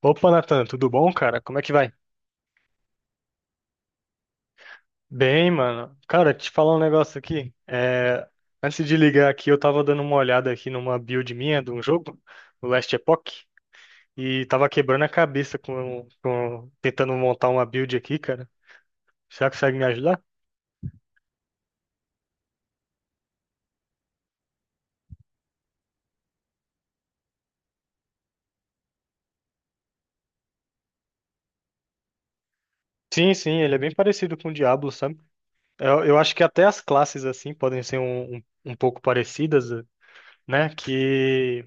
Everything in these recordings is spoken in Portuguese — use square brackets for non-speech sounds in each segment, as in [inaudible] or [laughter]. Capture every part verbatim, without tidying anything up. Opa, Nathan, tudo bom, cara? Como é que vai? Bem, mano. Cara, te falar um negócio aqui. É, Antes de ligar aqui, eu tava dando uma olhada aqui numa build minha de um jogo, o Last Epoch, e tava quebrando a cabeça com, com- tentando montar uma build aqui, cara. Será você consegue me ajudar? Sim, sim, ele é bem parecido com o Diablo, sabe? Eu, eu acho que até as classes, assim, podem ser um, um, um pouco parecidas, né? Que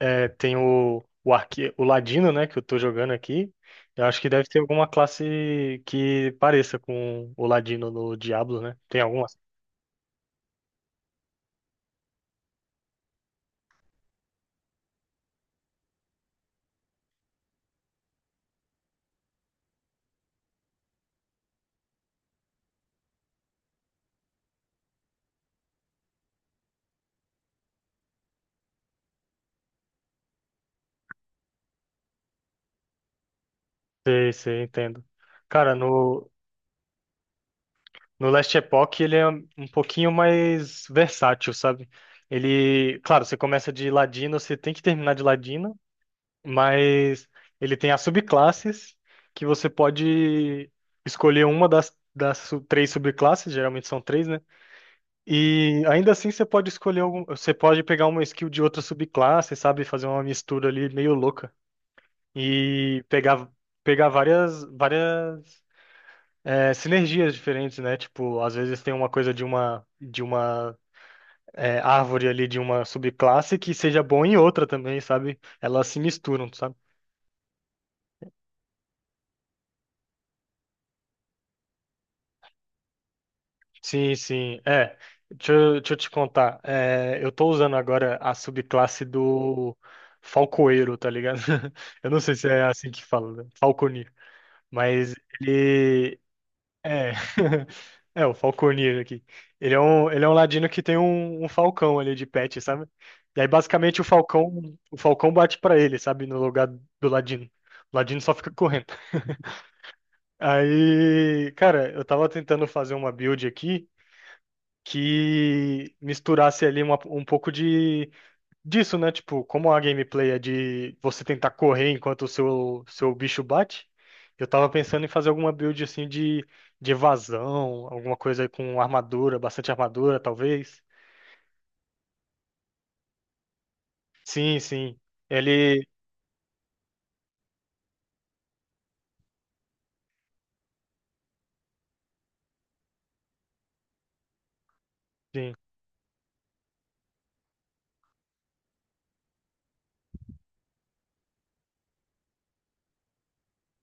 É, tem o, o, arque... o Ladino, né, que eu tô jogando aqui. Eu acho que deve ter alguma classe que pareça com o Ladino no Diablo, né? Tem alguma? Sei, sei, entendo. Cara, no, no Last Epoch ele é um pouquinho mais versátil, sabe? Ele, claro, você começa de Ladino, você tem que terminar de Ladino, mas ele tem as subclasses que você pode escolher uma das, das su- três subclasses, geralmente são três, né? E ainda assim você pode escolher algum, você pode pegar uma skill de outra subclasse, sabe, fazer uma mistura ali meio louca e pegar pegar várias várias é, sinergias diferentes, né? Tipo, às vezes tem uma coisa de uma de uma é, árvore ali de uma subclasse que seja bom em outra também, sabe? Elas se misturam, sabe? Sim, sim. É, deixa eu, deixa eu te contar. É, eu tô usando agora a subclasse do Falcoeiro, tá ligado? [laughs] Eu não sei se é assim que fala, né? Falconeer. Mas ele. É. [laughs] É, o Falconeer aqui. Ele é um, ele é um ladino que tem um, um falcão ali de pet, sabe? E aí, basicamente, o falcão, o falcão bate pra ele, sabe? No lugar do ladino. O ladino só fica correndo. Aí, cara, eu tava tentando fazer uma build aqui que misturasse ali uma- um pouco de disso, né? Tipo, como a gameplay é de você tentar correr enquanto o seu, seu bicho bate, eu tava pensando em fazer alguma build assim de, de evasão, alguma coisa com armadura, bastante armadura, talvez. Sim, sim. Ele. Sim,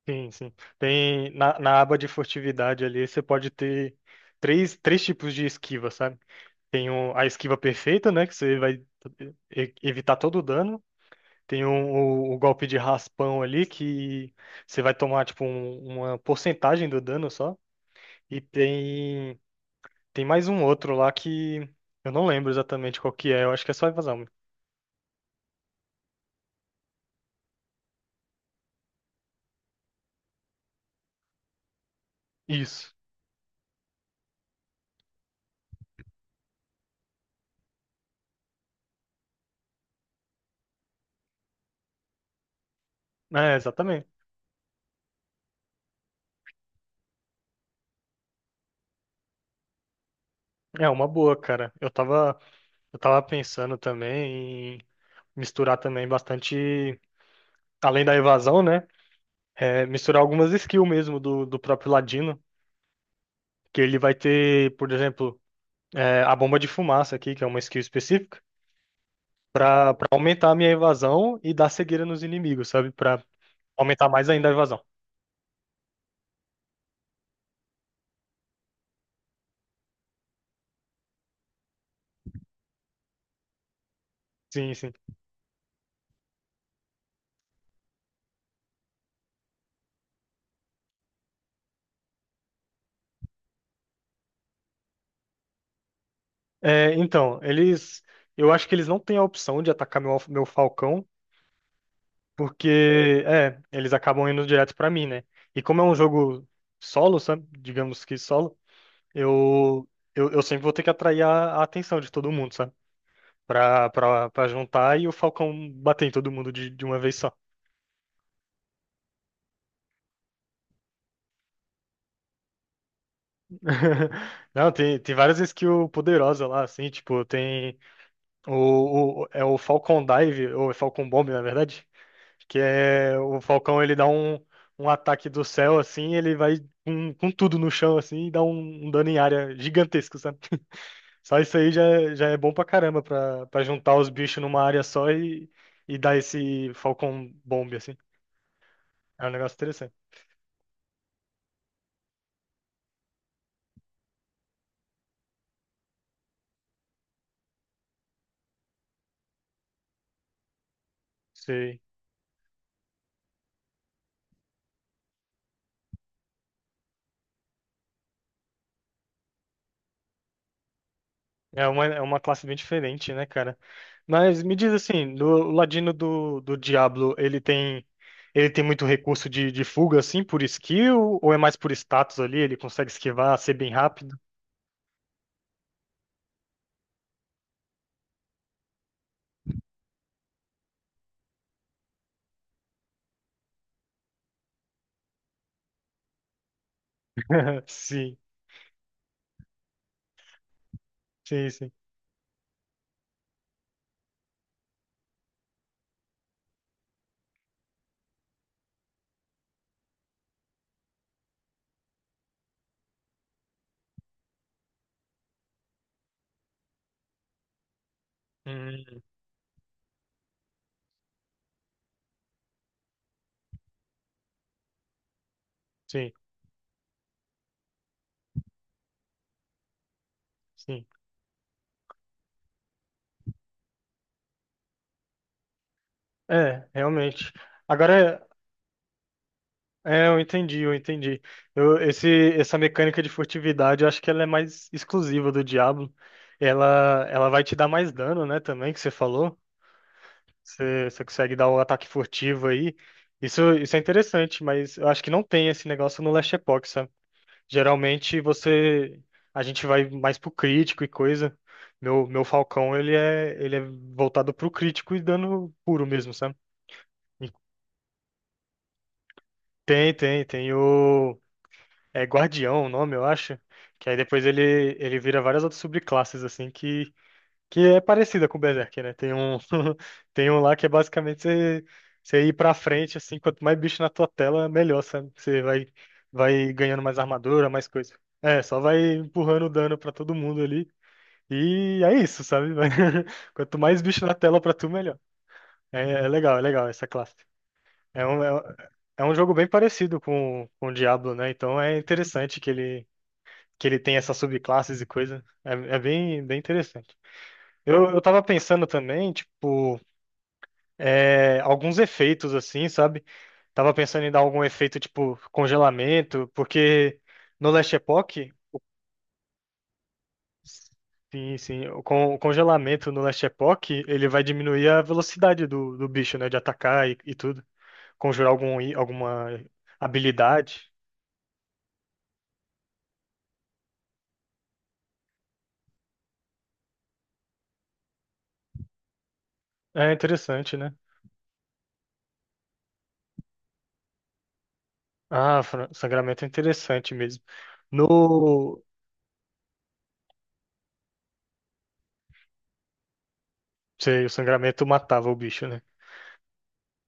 sim, sim. Tem na, na aba de furtividade ali, você pode ter três, três tipos de esquiva, sabe? Tem o- a esquiva perfeita, né? Que você vai e- evitar todo o dano. Tem um- o, o golpe de raspão ali que você vai tomar tipo um- uma porcentagem do dano só. E tem tem mais um outro lá que eu não lembro exatamente qual que é. Eu acho que é só evasão. Isso. É, exatamente. É uma boa, cara. Eu tava eu tava pensando também em misturar também bastante além da evasão, né? É, misturar algumas skills mesmo do, do próprio Ladino, que ele vai ter, por exemplo, é, a bomba de fumaça aqui, que é uma skill específica. pra, pra aumentar a minha evasão e dar cegueira nos inimigos, sabe? Pra aumentar mais ainda a evasão. Sim, sim. É, então, eles. Eu acho que eles não têm a opção de atacar meu, meu Falcão, porque, é, eles acabam indo direto pra mim, né? E como é um jogo solo, sabe? Digamos que solo, eu, eu, eu sempre vou ter que atrair a, a atenção de todo mundo, sabe? Pra, pra, pra juntar e o Falcão bater em todo mundo de, de uma vez só. [laughs] Não, tem, tem várias skills poderosas lá, assim, tipo, tem. O, o- é o Falcon Dive, ou é Falcon Bomb, na verdade, que é o Falcão, ele dá um, um ataque do céu, assim, ele vai com, com tudo no chão, assim, e dá um, um dano em área gigantesco, sabe? Só isso aí já, já é bom pra caramba, pra, pra juntar os bichos numa área só e, e dar esse Falcon Bomb, assim. É um negócio interessante. Sei. É uma, é uma classe bem diferente, né, cara? Mas me diz assim, do o ladino do, do Diablo, ele tem ele tem muito recurso de, de fuga, assim, por skill, ou é mais por status ali? Ele consegue esquivar, ser bem rápido? [laughs] Sim, sim, sim. Hum, sim, sim. É, realmente. Agora, é, é, eu entendi, eu entendi. Eu, esse, essa mecânica de furtividade, eu acho que ela é mais exclusiva do Diablo. Ela, ela vai te dar mais dano, né, também, que você falou. Você, você consegue dar o ataque furtivo aí. Isso, isso é interessante, mas eu acho que não tem esse negócio no Last Epoch, sabe? Geralmente você. A gente vai mais pro crítico e coisa. Meu, meu Falcão, ele é, ele é voltado pro crítico e dano puro mesmo, sabe? E tem, tem, tem o. É Guardião o nome, eu acho. Que aí depois ele, ele vira várias outras subclasses, assim, que que é parecida com o Berserk, né? Tem um, [laughs] tem um lá que é basicamente você, você ir pra frente, assim, quanto mais bicho na tua tela, melhor, sabe? Você vai, vai ganhando mais armadura, mais coisa. É, só vai empurrando o dano pra todo mundo ali. E é isso, sabe? Vai- [laughs] Quanto mais bicho na tela pra tu, melhor. É, é legal, é legal essa classe. É um, é, um é um jogo bem parecido com, com o Diablo, né? Então é interessante que ele, que ele tem essas subclasses e coisa. É, é bem, bem interessante. Eu, eu tava pensando também, tipo, é, alguns efeitos assim, sabe? Tava pensando em dar algum efeito tipo congelamento, porque no Last Epoch, sim, sim, o, con- o congelamento no Last Epoch, ele vai diminuir a velocidade do, do bicho, né? De atacar e, e tudo. Conjurar algum, i- alguma habilidade. É interessante, né? Ah, fra- sangramento é interessante mesmo. No. Sei, o sangramento matava o bicho, né?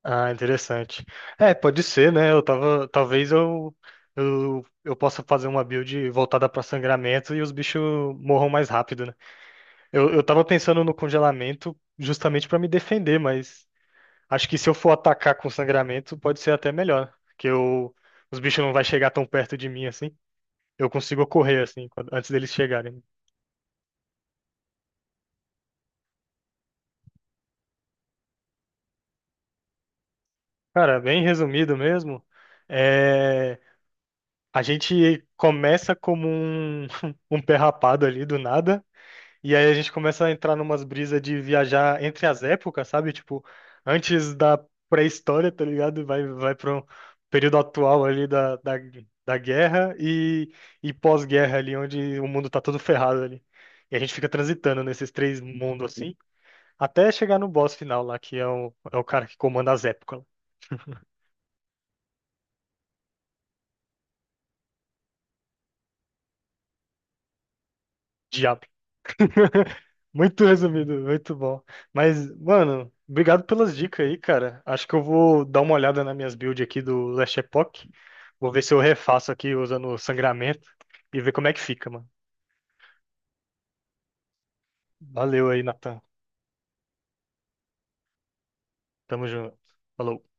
Ah, interessante. É, pode ser, né? Eu tava, talvez eu, eu, eu possa fazer uma build voltada para sangramento e os bichos morram mais rápido, né? Eu, eu tava pensando no congelamento justamente para me defender, mas acho que se eu for atacar com sangramento, pode ser até melhor, que eu, os bichos não vai chegar tão perto de mim assim. Eu consigo correr assim, quando- antes deles chegarem. Cara, bem resumido mesmo. É, a gente começa como um, [laughs] um pé rapado ali do nada. E aí a gente começa a entrar numas brisas de viajar entre as épocas, sabe? Tipo, antes da pré-história, tá ligado? Vai, vai para um período atual ali da, da, da guerra e, e pós-guerra ali, onde o mundo tá todo ferrado ali. E a gente fica transitando nesses três mundos assim, até chegar no boss final lá, que é o, é o cara que comanda as épocas, o diabo. [laughs] Muito resumido, muito bom. Mas, mano, obrigado pelas dicas aí, cara. Acho que eu vou dar uma olhada nas minhas builds aqui do Last Epoch. Vou ver se eu refaço aqui usando o sangramento e ver como é que fica, mano. Valeu aí, Natan. Tamo junto. Falou.